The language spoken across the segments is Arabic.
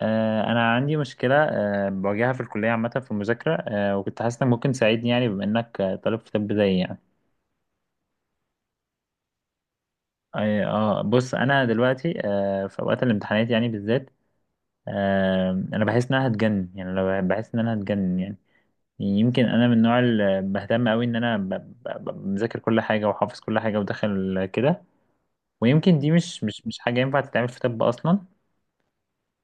أنا عندي مشكلة، بواجهها في الكلية عامة في المذاكرة، وكنت حاسس إنك ممكن تساعدني، يعني بما إنك طالب في طب زيي يعني. أي- اه بص، أنا دلوقتي في أوقات الامتحانات يعني بالذات. أنا بحس إن أنا هتجنن، يعني لو بحس إن أنا هتجنن يعني. يمكن أنا من النوع اللي بهتم أوي إن أنا مذاكر كل حاجة وحافظ كل حاجة وداخل كده، ويمكن دي مش حاجة ينفع تتعمل في طب أصلا.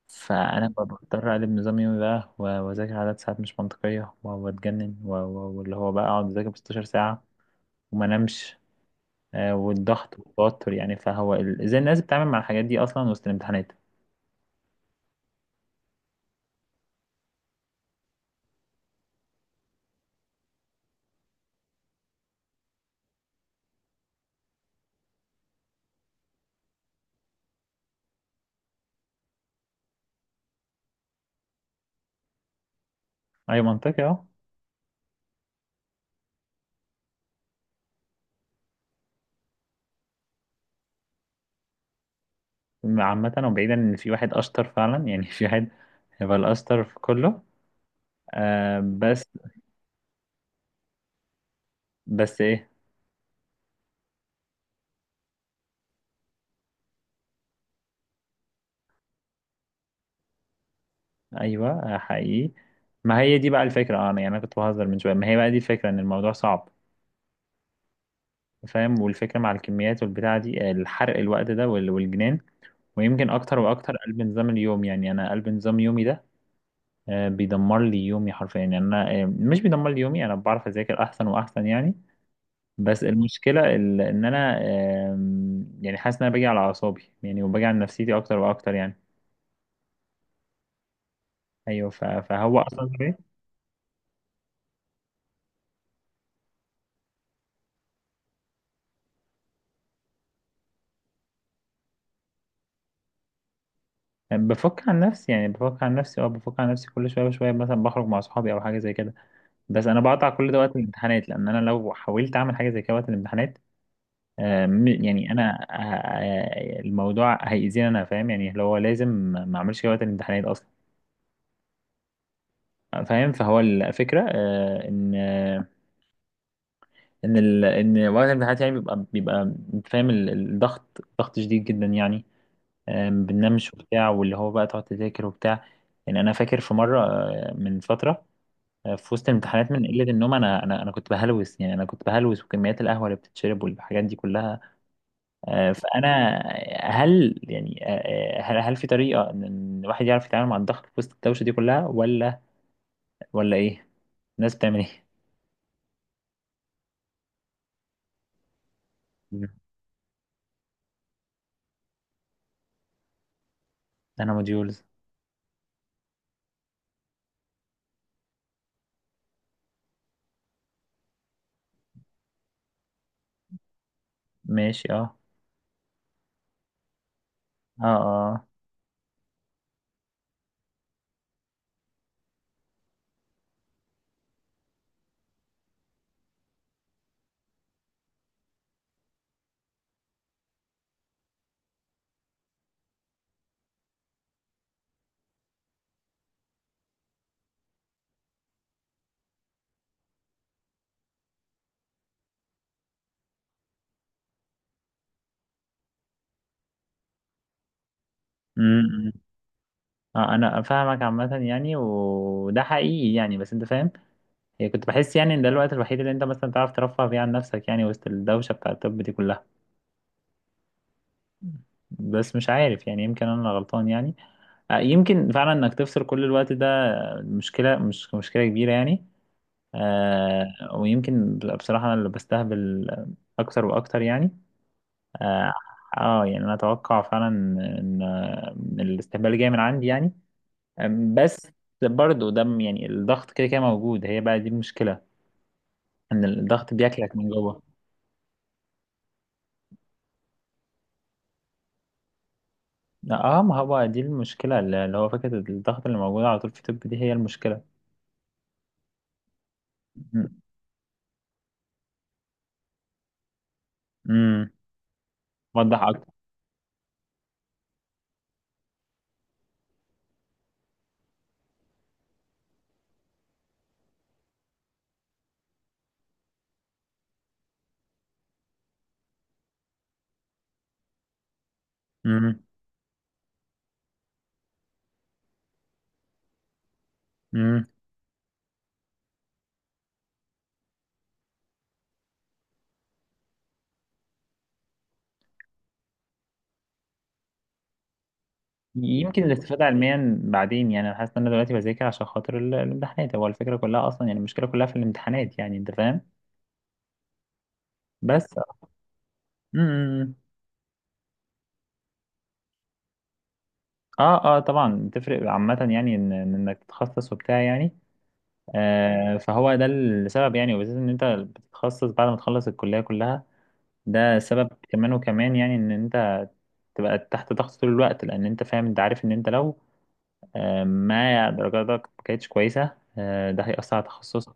فأنا بضطر أقلب نظام يومي بقى وأذاكر عدد ساعات مش منطقية وأتجنن واللي هو بقى أقعد أذاكر 16 ساعة وما أنامش. والضغط والتوتر، يعني فهو إزاي الناس بتتعامل مع الحاجات دي أصلا وسط الامتحانات؟ أي، منطقي، أه. عامة وبعيدا إن في واحد أشطر فعلا يعني، في واحد هيبقى الأشطر في كله، بس. بس إيه؟ أيوه. حقيقي. ما هي دي بقى الفكرة، أنا يعني أنا كنت بهزر من شوية، ما هي بقى دي الفكرة إن الموضوع صعب. فاهم، والفكرة مع الكميات والبتاعة دي، الحرق الوقت ده والجنان. ويمكن أكتر وأكتر قلب نظام اليوم، يعني أنا قلب نظام يومي ده، بيدمر لي يومي حرفيا، يعني أنا مش بيدمر لي يومي، أنا بعرف أذاكر أحسن وأحسن يعني. بس المشكلة إن أنا، يعني حاسس إن أنا باجي على أعصابي، يعني وباجي على نفسيتي أكتر وأكتر يعني. أيوه. فهو أصلا إيه؟ بفك عن نفسي، يعني بفك عن نفسي، بفك عن نفسي كل شوية بشوية، مثلا بخرج مع صحابي أو حاجة زي كده. بس أنا بقطع كل ده وقت الامتحانات لأن أنا لو حاولت أعمل حاجة زي كده وقت الامتحانات، يعني انا، الموضوع هيأذيني، انا فاهم يعني، اللي هو لازم ما اعملش كده وقت الامتحانات اصلا. فاهم، فهو الفكره، ان وقت الامتحانات يعني بيبقى انت فاهم، الضغط ضغط شديد جدا يعني. ما بننامش وبتاع، واللي هو بقى تقعد تذاكر وبتاع. يعني انا فاكر في مره، من فتره، في وسط الامتحانات، من قله النوم انا كنت بهلوس، يعني انا كنت بهلوس، وكميات القهوه اللي بتتشرب والحاجات دي كلها، فانا، هل يعني، آه، آه، هل هل في طريقه إن الواحد يعرف يتعامل مع الضغط في وسط الدوشه دي كلها، ولا ولا ايه؟ الناس بتعمل ايه؟ مم. انا موديولز. ماشي، اه. اه، اه. امم. اه، انا فاهمك عامة يعني، وده حقيقي يعني، بس انت فاهم. هي كنت بحس يعني ان ده الوقت الوحيد اللي انت مثلا تعرف ترفه فيه عن نفسك، يعني وسط الدوشة بتاع الطب دي كلها. بس مش عارف، يعني يمكن انا اللي غلطان يعني. يمكن فعلا انك تفصل كل الوقت ده، مش مشكلة كبيرة يعني. ويمكن بصراحة أنا اللي بستهبل أكتر وأكتر يعني. آه, يعني أنا أتوقع فعلا إن الاستهبال جاي من عندي يعني. بس برضه ده يعني الضغط كده كده موجود، هي بقى دي المشكلة إن الضغط بياكلك من جوه. اه، ما هو دي المشكلة اللي هو فكرة الضغط اللي موجودة على طول في الطب، دي هي المشكلة. م- م. وضح أكتر. م- م. يمكن الاستفادة علميا بعدين، يعني أنا حاسس إن أنا دلوقتي بذاكر عشان خاطر الامتحانات، هو الفكرة كلها أصلا يعني، المشكلة كلها في الامتحانات يعني، أنت فاهم. بس. امم. اه، اه، طبعا تفرق عامة، يعني إن إن إنك تتخصص وبتاع يعني. فهو ده السبب يعني، وبالذات إن أنت بتتخصص بعد ما تخلص الكلية كلها، ده سبب كمان وكمان، يعني إن أنت تبقى تحت ضغط طول الوقت، لأن أنت فاهم، أنت عارف إن أنت لو ما درجاتك ما كانتش كويسة، ده هيأثر على تخصصك،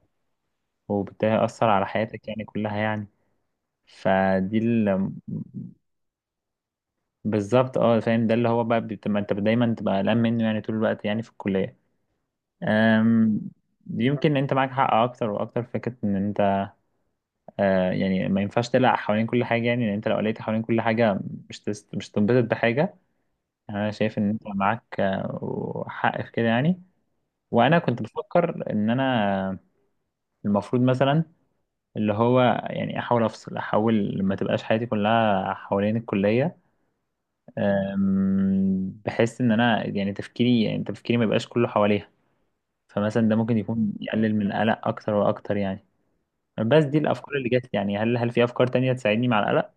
وبالتالي هيأثر على حياتك يعني كلها يعني. فدي بالظبط، اه، فاهم، ده اللي هو بقى بتبقى انت دايما تبقى قلقان منه، يعني طول الوقت يعني في الكلية. أم... يمكن انت معاك حق اكتر واكتر في فكرة ان انت، يعني ما ينفعش تقلق حوالين كل حاجة، يعني لان انت لو قلقت حوالين كل حاجة مش تنبسط بحاجة. يعني انا شايف ان انت معاك، حق في كده يعني. وانا كنت بفكر ان انا المفروض مثلا، اللي هو يعني، احاول افصل، احاول ما تبقاش حياتي كلها حوالين الكليه. بحس ان انا يعني تفكيري، يعني تفكيري ما يبقاش كله حواليها، فمثلا ده ممكن يكون يقلل من القلق اكتر واكتر يعني. بس دي الافكار اللي جت، يعني هل في افكار تانية تساعدني مع القلق؟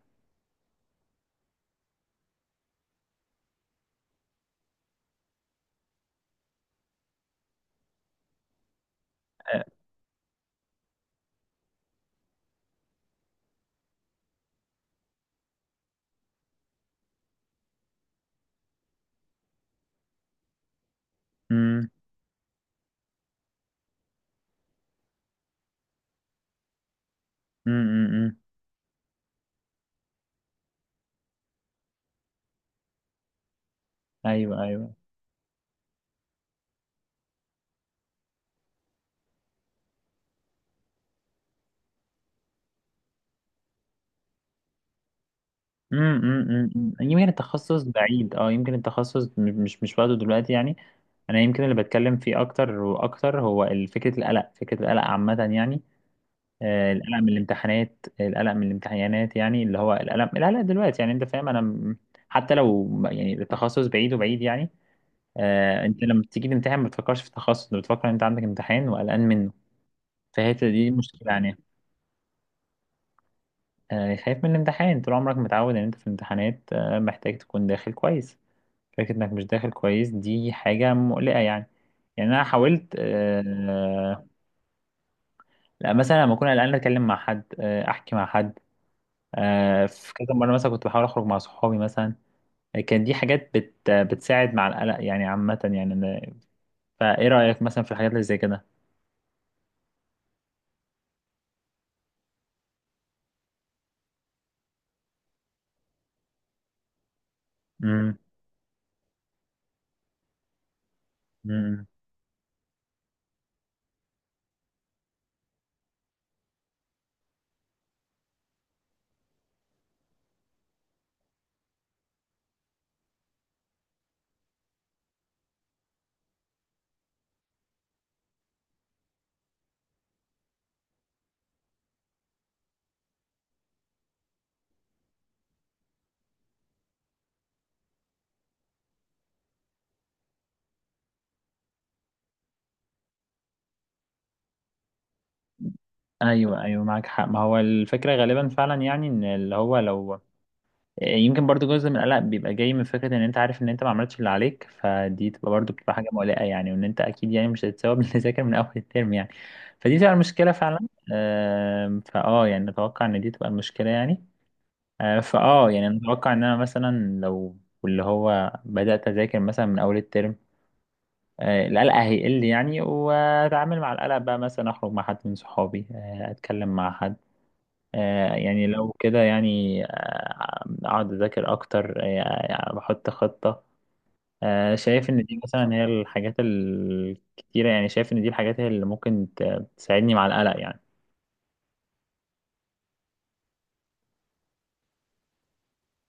امم، امم، ايوه، ايوه، امم. يمكن التخصص بعيد، يمكن التخصص مش وقته دلوقتي يعني. انا يمكن اللي بتكلم فيه اكتر واكتر هو فكره القلق عامه يعني. القلق من الامتحانات يعني، اللي هو القلق دلوقتي يعني، انت فاهم، انا حتى لو يعني التخصص بعيد وبعيد يعني. انت لما بتيجي تمتحن ما بتفكرش في التخصص، انت بتفكر ان انت عندك امتحان وقلقان منه، فهي دي مشكلة يعني. خايف من الامتحان، طول عمرك متعود ان انت في الامتحانات محتاج تكون داخل كويس، فكرة انك مش داخل كويس دي حاجة مقلقة يعني. يعني انا حاولت، لا، مثلا لما اكون قلقان اتكلم مع حد، احكي مع حد. في كذا مرة مثلا كنت بحاول أخرج مع صحابي مثلا، كان دي حاجات بتساعد مع القلق يعني عامة، يعني فإيه رأيك مثلا في الحاجات اللي زي كده؟ امم، امم، أيوه، أيوه. معاك حق، ما هو الفكرة غالبا فعلا، يعني إن اللي هو لو، يمكن برضو جزء من القلق بيبقى جاي من فكرة إن أنت عارف إن أنت ما عملتش اللي عليك، فدي تبقى برضو بتبقى حاجة مقلقة يعني، وإن أنت أكيد يعني مش هتتثوب اللي ذاكر من أول الترم يعني، فدي تبقى المشكلة فعلا. آم، فأه يعني أتوقع إن دي تبقى المشكلة يعني. آه، فاه يعني انا اتوقع ان انا مثلا لو اللي هو بدات اذاكر مثلا من اول الترم، القلق هيقل يعني، واتعامل مع القلق بقى، مثلا اخرج مع حد من صحابي، اتكلم مع حد، يعني لو كده يعني، اقعد اذاكر اكتر، يعني بحط خطه، شايف ان دي مثلا هي الحاجات الكتيره يعني، شايف ان دي الحاجات هي اللي ممكن تساعدني مع القلق يعني.